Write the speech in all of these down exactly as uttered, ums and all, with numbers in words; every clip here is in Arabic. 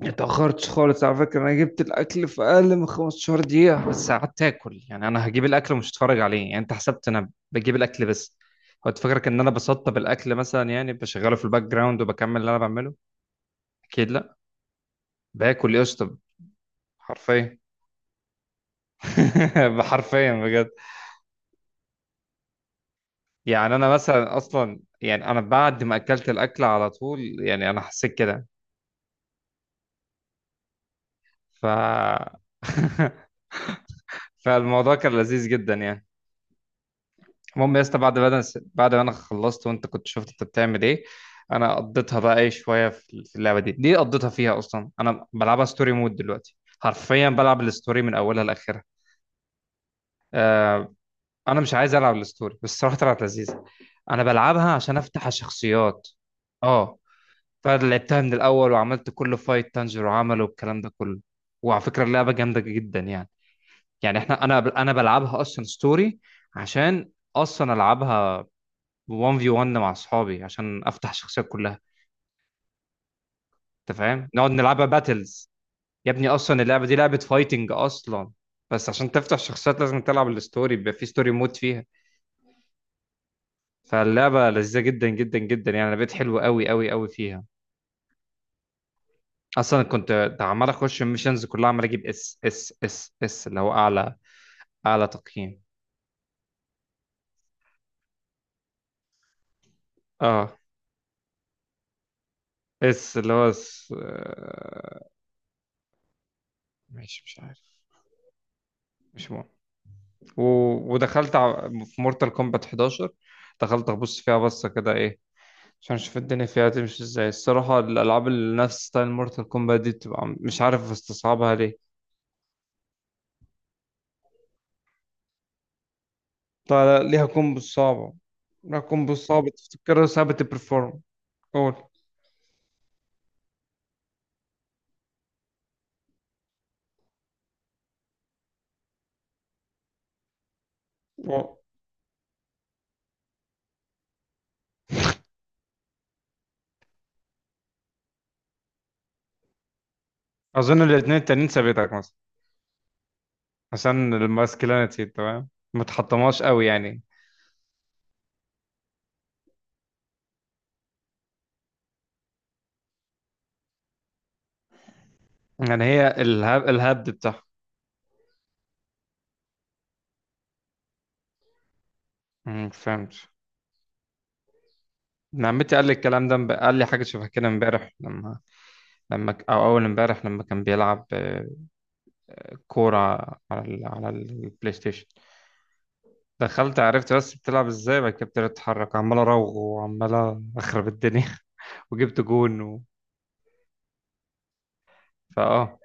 اتأخرتش خالص على فكرة، أنا جبت الأكل في أقل من 15 دقيقة، بس قعدت آكل. يعني أنا هجيب الأكل ومش هتفرج عليه. يعني أنت حسبت أنا بجيب الأكل بس، كنت فاكرك إن أنا بسطب الأكل مثلا، يعني بشغله في الباك جراوند وبكمل اللي أنا بعمله. أكيد لأ. باكل يا اسطى، حرفيا. حرفيا بجد. يعني أنا مثلا أصلا، يعني أنا بعد ما أكلت الأكل على طول، يعني أنا حسيت كده. ف فالموضوع كان لذيذ جدا يعني. المهم يا اسطى، بعد ما انا بعد ما انا خلصت، وانت كنت شفت انت بتعمل ايه. انا قضيتها بقى ايه شويه في في اللعبه دي دي، قضيتها فيها. اصلا انا بلعبها ستوري مود دلوقتي، حرفيا بلعب الستوري من اولها لاخرها. آه، انا مش عايز العب الستوري بس، الصراحه طلعت لذيذه. انا بلعبها عشان افتح الشخصيات. اه. فلعبتها من الاول وعملت كل فايت تانجير وعمله والكلام ده كله. وعلى فكره اللعبه جامده جدا يعني. يعني احنا انا انا بلعبها اصلا ستوري، عشان اصلا العبها واحد في واحد مع اصحابي عشان افتح الشخصيات كلها. انت فاهم؟ نقعد نلعبها باتلز. يا ابني اصلا اللعبه دي لعبه فايتنج اصلا. بس عشان تفتح الشخصيات لازم تلعب الستوري، بيبقى في ستوري مود فيها. فاللعبه لذيذه جدا جدا جدا يعني. انا بقيت حلو قوي قوي قوي فيها. اصلا كنت عمال اخش الميشنز كلها، عمال اجيب اس اس اس اس اللي هو اعلى اعلى تقييم. اه. اس اللي هو اس. آه، ماشي، مش عارف. مش مهم. و... ودخلت ع- في مورتال كومبات احداشر. دخلت ابص فيها بصه كده، ايه عشان اشوف الدنيا فيها تمشي ازاي. الصراحة الالعاب اللي نفس ستايل مورتال كومبات دي بتبقى مش عارف استصعبها ليه. طيب، ليها كومبو صعبة. ليها كومبو صعبة تفتكرها صعبة تبرفورم. قول. قول. اظن الاثنين التانيين ثابتك مثلا، عشان الماسكلينيتي تمام ما تحطمهاش قوي يعني. يعني هي الهاب الهبد بتاعها. أمم، فهمت. ابن عمتي قال لي الكلام ده، امب- قال لي حاجه شبه كده امبارح، لما لما ك- او اول امبارح لما كان بيلعب آه، كوره على ال... على البلاي ستيشن. دخلت عرفت بس بتلعب ازاي، بعد كده ابتديت اتحرك عمال اراوغ وعمال اخرب الدنيا. وجبت جون و... فاه.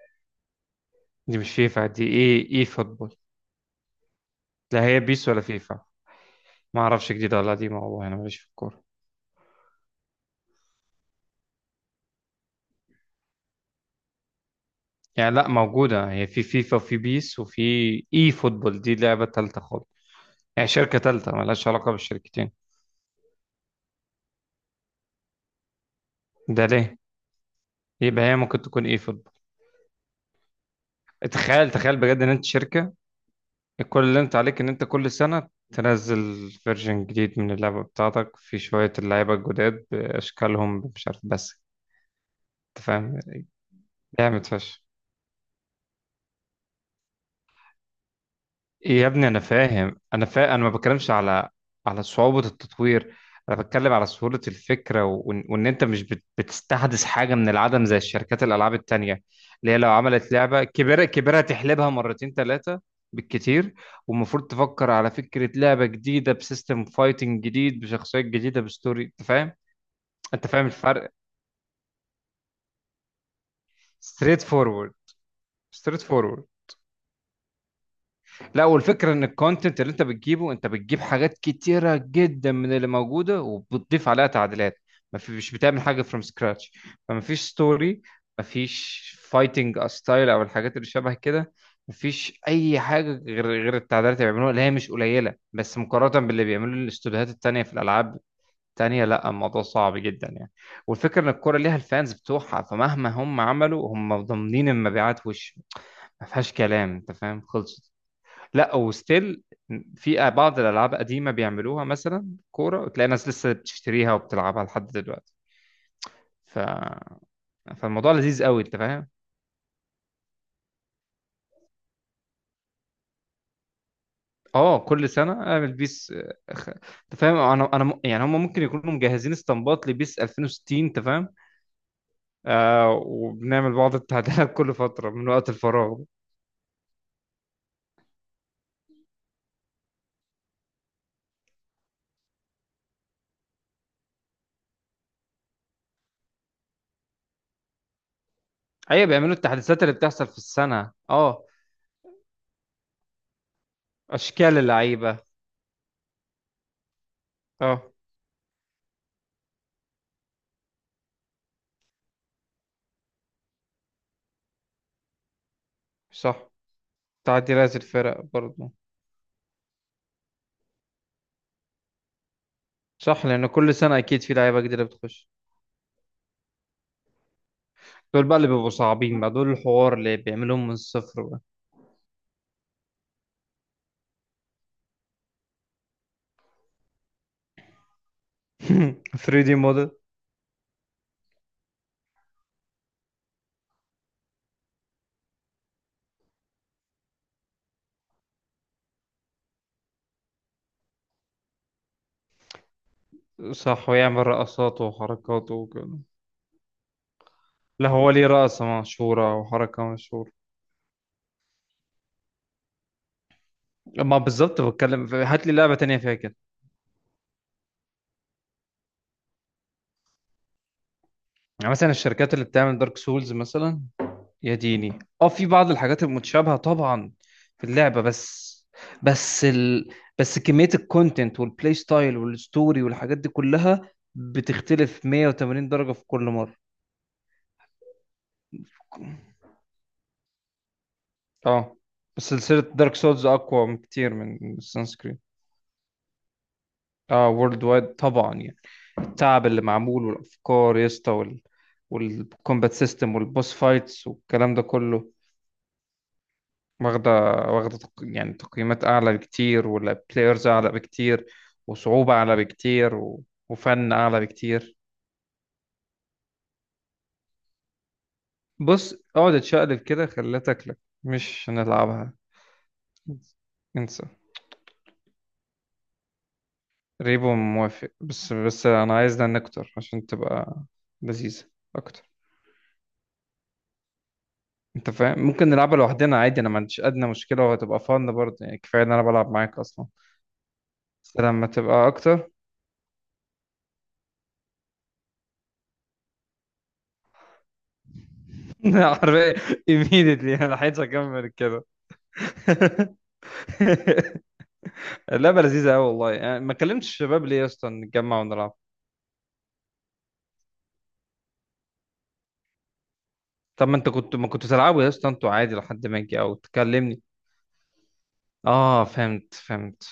دي مش فيفا، دي ايه ايه فوتبول. لا، هي بيس ولا فيفا؟ ما اعرفش جديده ولا قديمه، والله انا ماليش في الكوره. يعني لا، موجوده هي في فيفا وفي بيس وفي اي فوتبول. دي لعبه تالته خالص، يعني شركه تالته مالهاش علاقه بالشركتين. ده ليه؟ يبقى هي ممكن تكون اي فوتبول. تخيل تخيل بجد ان انت شركه، كل اللي انت عليك ان انت كل سنة تنزل فيرجن جديد من اللعبة بتاعتك، في شوية اللعيبة الجداد بأشكالهم مش عارف بس. انت فاهم؟ لعبة فشخ. يا ابني انا فاهم، انا فا... انا ما بتكلمش على على صعوبة التطوير. انا بتكلم على سهولة الفكرة و... وان وإن انت مش بت... بتستحدث حاجة من العدم زي الشركات الالعاب التانية، اللي هي لو عملت لعبة كبيرة كبيرة تحلبها مرتين ثلاثة بالكتير. والمفروض تفكر على فكرة لعبة جديدة بسيستم فايتنج جديد بشخصيات جديدة بستوري. انت فاهم؟ انت فاهم الفرق؟ ستريت فورورد. ستريت فورورد. لا، والفكرة ان الكونتنت اللي انت بتجيبه، انت بتجيب حاجات كتيرة جدا من اللي موجودة وبتضيف عليها تعديلات. ما في، مش بتعمل حاجة فروم سكراتش. فما فيش ستوري، ما فيش فايتنج ستايل او الحاجات اللي شبه كده. ما فيش اي حاجة غير غير التعديلات اللي بيعملوها، اللي هي مش قليلة بس مقارنة باللي بيعملوه الاستوديوهات التانية في الالعاب التانية. لا الموضوع صعب جدا يعني. والفكرة ان الكورة ليها الفانز بتوعها، فمهما هم عملوا هم ضامنين المبيعات. وش ما فيهاش كلام. انت فاهم؟ خلصت. لا، وستيل في بعض الالعاب قديمه بيعملوها مثلا كوره، وتلاقي ناس لسه بتشتريها وبتلعبها لحد دلوقتي. ف... فالموضوع لذيذ قوي. انت فاهم؟ اه، كل سنه اعمل بيس. أخ- انت فاهم، انا انا م- يعني هم ممكن يكونوا مجهزين اسطمبات لبيس الفين وستين. انت فاهم؟ آه وبنعمل بعض التعديلات كل فتره من وقت الفراغ. ايوه بيعملوا التحديثات اللي بتحصل في السنه. اه. اشكال اللعيبه. اه صح. تعديلات الفرق برضه. صح، لان كل سنه اكيد في لعيبه جديده بتخش. دول بقى اللي بيبقوا صعبين بقى، دول الحوار اللي بيعملوهم من الصفر بقى. ثري دي موديل. صح، ويعمل رقصات وحركات وكده. لا هو ليه رقصة مشهورة وحركة مشهورة. ما بالظبط، بتكلم في- هات لي لعبة تانية فيها كده. يعني مثلا الشركات اللي بتعمل دارك سولز مثلا. يا ديني اه، في بعض الحاجات المتشابهة طبعا في اللعبة بس. بس ال... بس كمية الكونتنت والبلاي ستايل والستوري والحاجات دي كلها بتختلف 180 درجة في كل مرة. اه. بس سلسلة دارك سولز أقوى بكتير من السانسكرين. اه، وورلد وايد طبعا يعني. التعب اللي معمول والأفكار يا اسطى، وال... والكومبات سيستم والبوس فايتس والكلام ده كله. واخدة واخدة تق... يعني تقييمات أعلى بكتير، والبلايرز أعلى بكتير، وصعوبة أعلى بكتير، و... وفن أعلى بكتير. بص اقعد اتشقلب كده خليها تاكلك. مش هنلعبها. انسى. ريبو موافق، بس بس انا عايز نان اكتر عشان تبقى لذيذة اكتر. انت فاهم؟ ممكن نلعبها لوحدنا عادي، انا ما عنديش ادنى مشكلة، وهتبقى فن برضه يعني. كفاية ان انا بلعب معاك اصلا. بس لما تبقى اكتر. عارف. immediately انا عايز اكمل كده. اللعبة لذيذة قوي والله يعني. ما كلمتش الشباب ليه يا اسطى نتجمع ونلعب؟ طب ما انت كنت ما كنت تلعبوا يا اسطى انتوا عادي لحد ما اجي او تكلمني. اه، فهمت فهمت.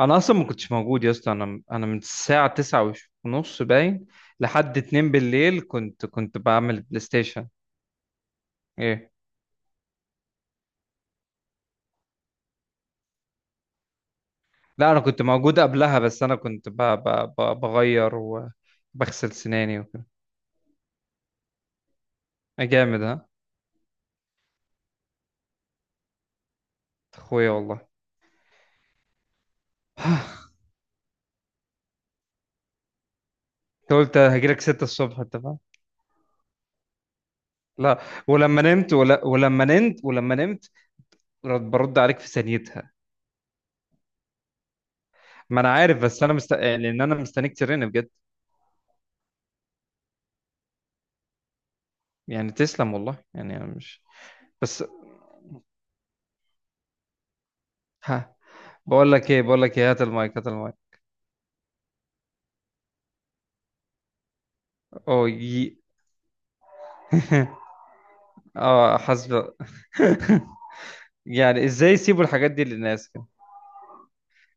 انا اصلا ما كنتش موجود يا اسطى، انا انا من الساعه تسعة ونص باين لحد اتنين بالليل، كنت كنت بعمل بلاي ستيشن. ايه؟ لا انا كنت موجود قبلها، بس انا كنت ب... ب... ب... بغير وبغسل سناني وكده. آه، جامد ها. اخويا والله. انت قلت هجيلك ستة الصبح انت فاهم. لا، ولما نمت ولا... ولما نمت ولما نمت رد- برد عليك في ثانيتها. ما انا عارف، بس انا مست... لان انا مستنيك ترن بجد. يعني تسلم والله يعني. انا مش. بس. ها. بقول لك ايه، بقول لك ايه، هات المايك هات المايك. اوه يي. اه حسب. يعني ازاي يسيبوا الحاجات دي للناس كده!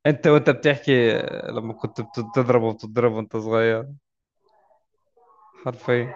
انت وانت بتحكي، لما كنت بتضرب وبتضرب وانت صغير، حرفيا.